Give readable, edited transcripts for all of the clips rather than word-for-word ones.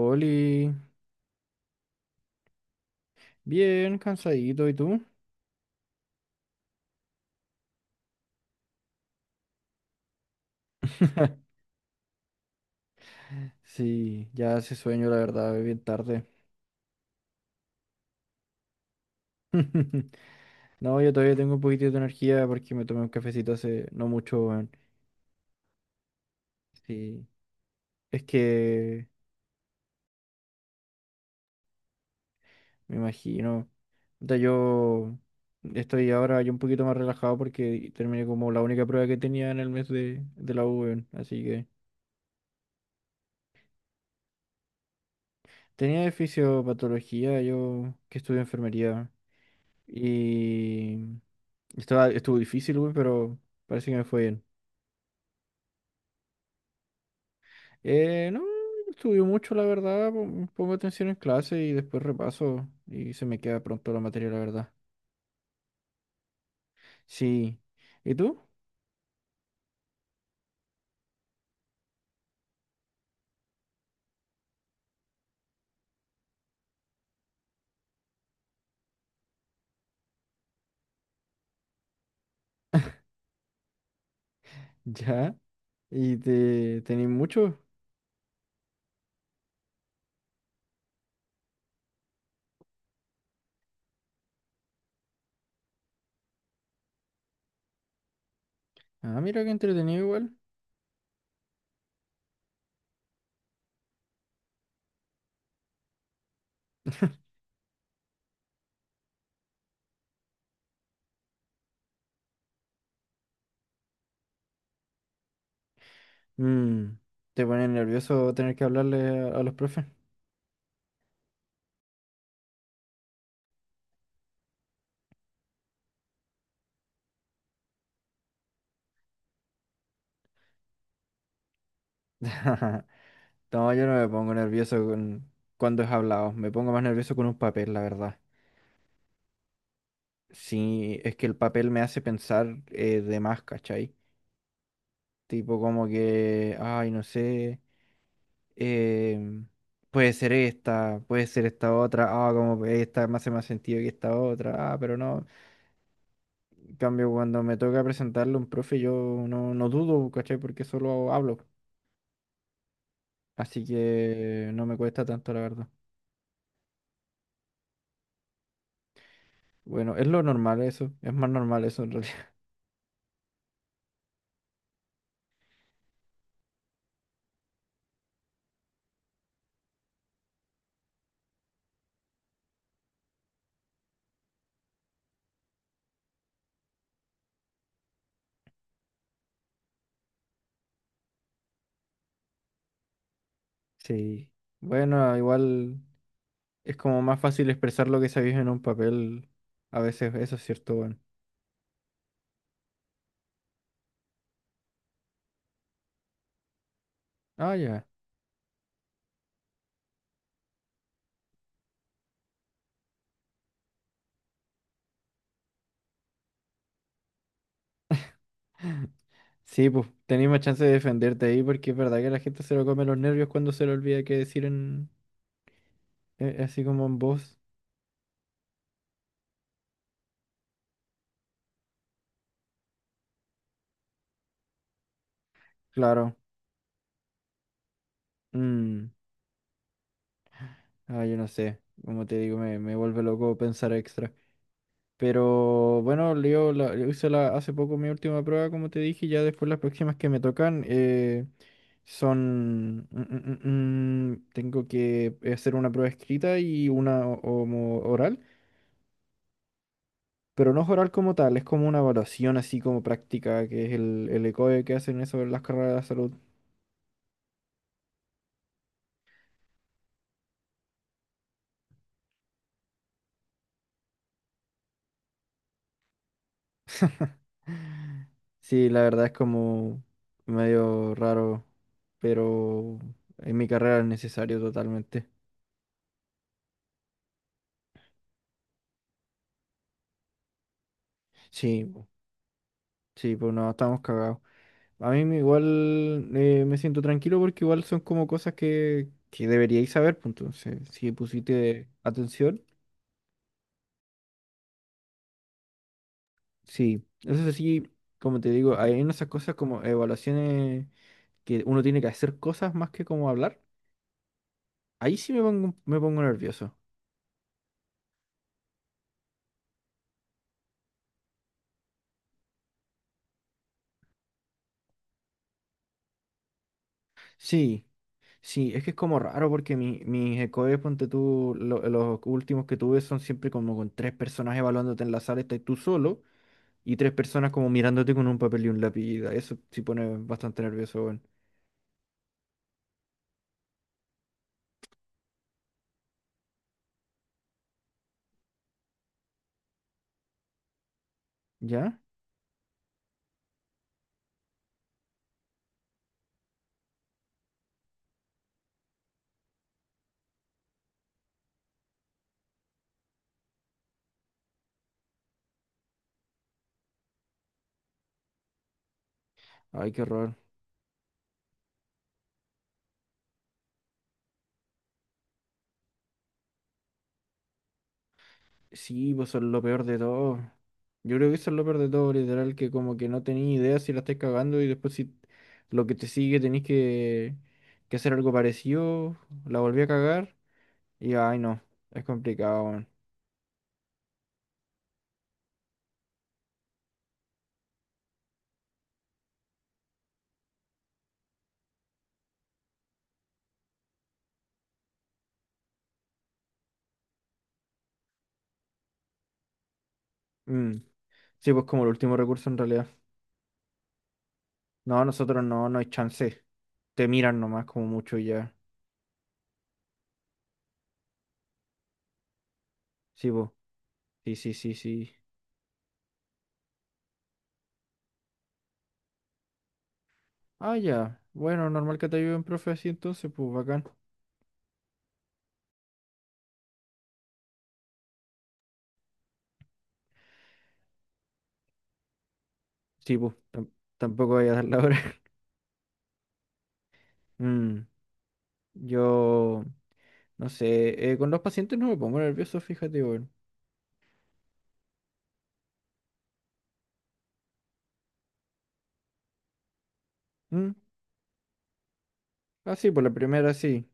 Oli, bien cansadito, ¿y tú? Sí, ya hace sueño, la verdad, es bien tarde. No, yo todavía tengo un poquitito de energía porque me tomé un cafecito hace no mucho, weón. Sí, es que me imagino. O sea, yo estoy ahora ya un poquito más relajado porque terminé como la única prueba que tenía en el mes de la U, weón. Así que tenía de fisiopatología, yo que estudio enfermería. Y estuvo difícil, güey, pero parece que me fue bien. No estudió mucho, la verdad. Pongo atención en clase y después repaso y se me queda pronto la materia, la verdad. Sí. ¿Y tú? Ya. ¿Y te tenés mucho? Ah, mira qué entretenido igual. Mm, ¿te pone nervioso tener que hablarle a los profes? No, yo no me pongo nervioso cuando es hablado. Me pongo más nervioso con un papel, la verdad. Sí, es que el papel me hace pensar de más, ¿cachai? Tipo como que, ay, no sé, em, puede ser esta otra, ah, como que esta me hace más sentido que esta otra, ah, pero no. En cambio, cuando me toca presentarle a un profe, yo no dudo, ¿cachai? Porque solo hablo. Así que no me cuesta tanto, la verdad. Bueno, es lo normal eso, es más normal eso en realidad. Sí. Bueno, igual. Es como más fácil expresar lo que sabéis en un papel. A veces, eso es cierto, bueno. Ah, ya. Sí, pues, tenéis más chance de defenderte ahí porque es verdad que la gente se lo come los nervios cuando se le olvida qué decir en, así como en voz. Claro. Mm. Ah, yo no sé. Como te digo, me vuelve loco pensar extra. Pero bueno, hace poco mi última prueba, como te dije, y ya después las próximas que me tocan son... tengo que hacer una prueba escrita y una como oral, pero no es oral como tal, es como una evaluación así como práctica, que es el ECOE que hacen eso en las carreras de la salud. Sí, la verdad es como medio raro, pero en mi carrera es necesario totalmente. Sí. Sí, pues no, estamos cagados. A mí me igual me siento tranquilo porque igual son como cosas que deberíais saber, pues entonces, si pusiste atención, sí. Eso sí, como te digo, hay en esas cosas como evaluaciones que uno tiene que hacer cosas más que como hablar. Ahí sí me pongo nervioso. Sí, sí, es que es como raro porque mis ECOES, ponte tú, los últimos que tuve son siempre como con tres personas evaluándote en la sala, estás tú solo. Y tres personas como mirándote con un papel y un lápiz. Eso sí pone bastante nervioso, weón. ¿Ya? Ay, qué horror. Sí, pues son lo peor de todo. Yo creo que eso es lo peor de todo, literal, que como que no tenéis idea si la estáis cagando y después si lo que te sigue tenéis que hacer algo parecido, la volví a cagar y ay no, es complicado, weón. Mm. Sí, pues como el último recurso en realidad. No, nosotros no, no hay chance. Te miran nomás como mucho y ya. Sí, pues. Sí, sí, sí, sí. Ah, ya. Bueno, normal que te ayude un profe así entonces, pues bacán. Sí, pues, tampoco voy a dar la hora. Mm, yo, no sé, con los pacientes no me pongo nervioso, fíjate, bueno. Mm, ah, sí, pues la primera sí.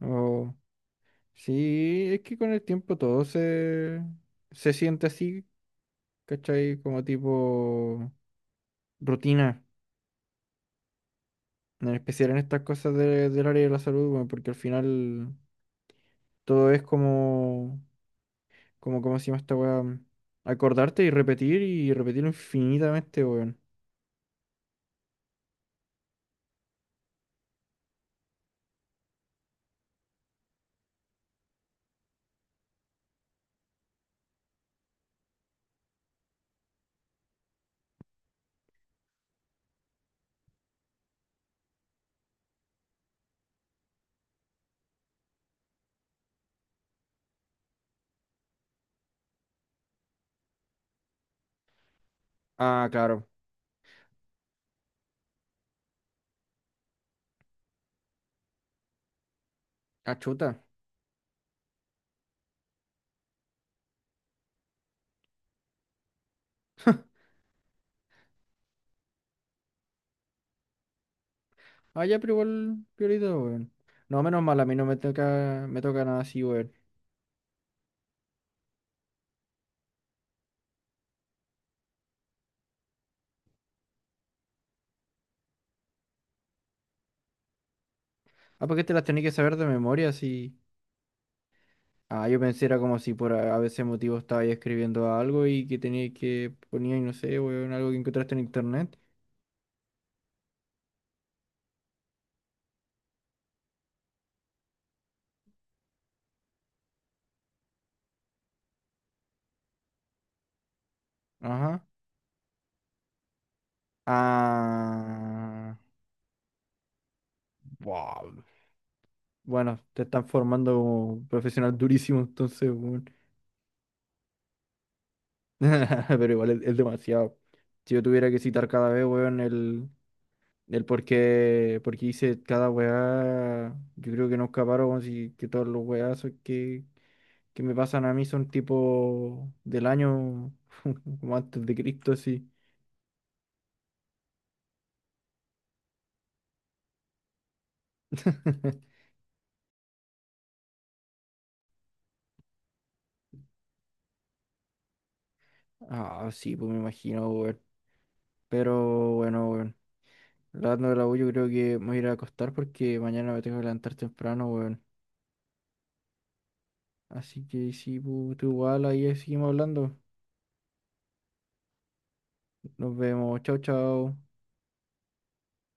O sí, es que con el tiempo todo se siente así, ¿cachai? Como tipo rutina, en especial en estas cosas del área de la salud, bueno, porque al final todo es como... Como, ¿cómo se llama esta weá? Acordarte y repetir y repetirlo infinitamente, weón. Ah, claro. Ah, chuta. Ah, ya, pero igual, piolita, weón. No, menos mal, a mí no me toca, me toca nada así, weón. Ah, porque te las tenés que saber de memoria, así. Ah, yo pensé era como si por a veces motivo estaba ahí escribiendo algo y que tenía que ponía, y no sé, weón, algo que encontraste en internet. Ajá. Ah. Wow. Bueno, te están formando como profesional durísimo, entonces, weón. Pero igual es demasiado. Si yo tuviera que citar cada vez, weón, el por qué hice cada weá, yo creo que no escaparon, weón, si que todos los weazos que me pasan a mí son tipo del año como antes de Cristo, sí. Ah, sí, pues me imagino, weón. Pero bueno, weón. Hablando de la U, yo creo que me voy a ir a acostar porque mañana me tengo que levantar temprano, weón. Así que sí, pues, tú igual ahí seguimos hablando. Nos vemos. Chau, chau.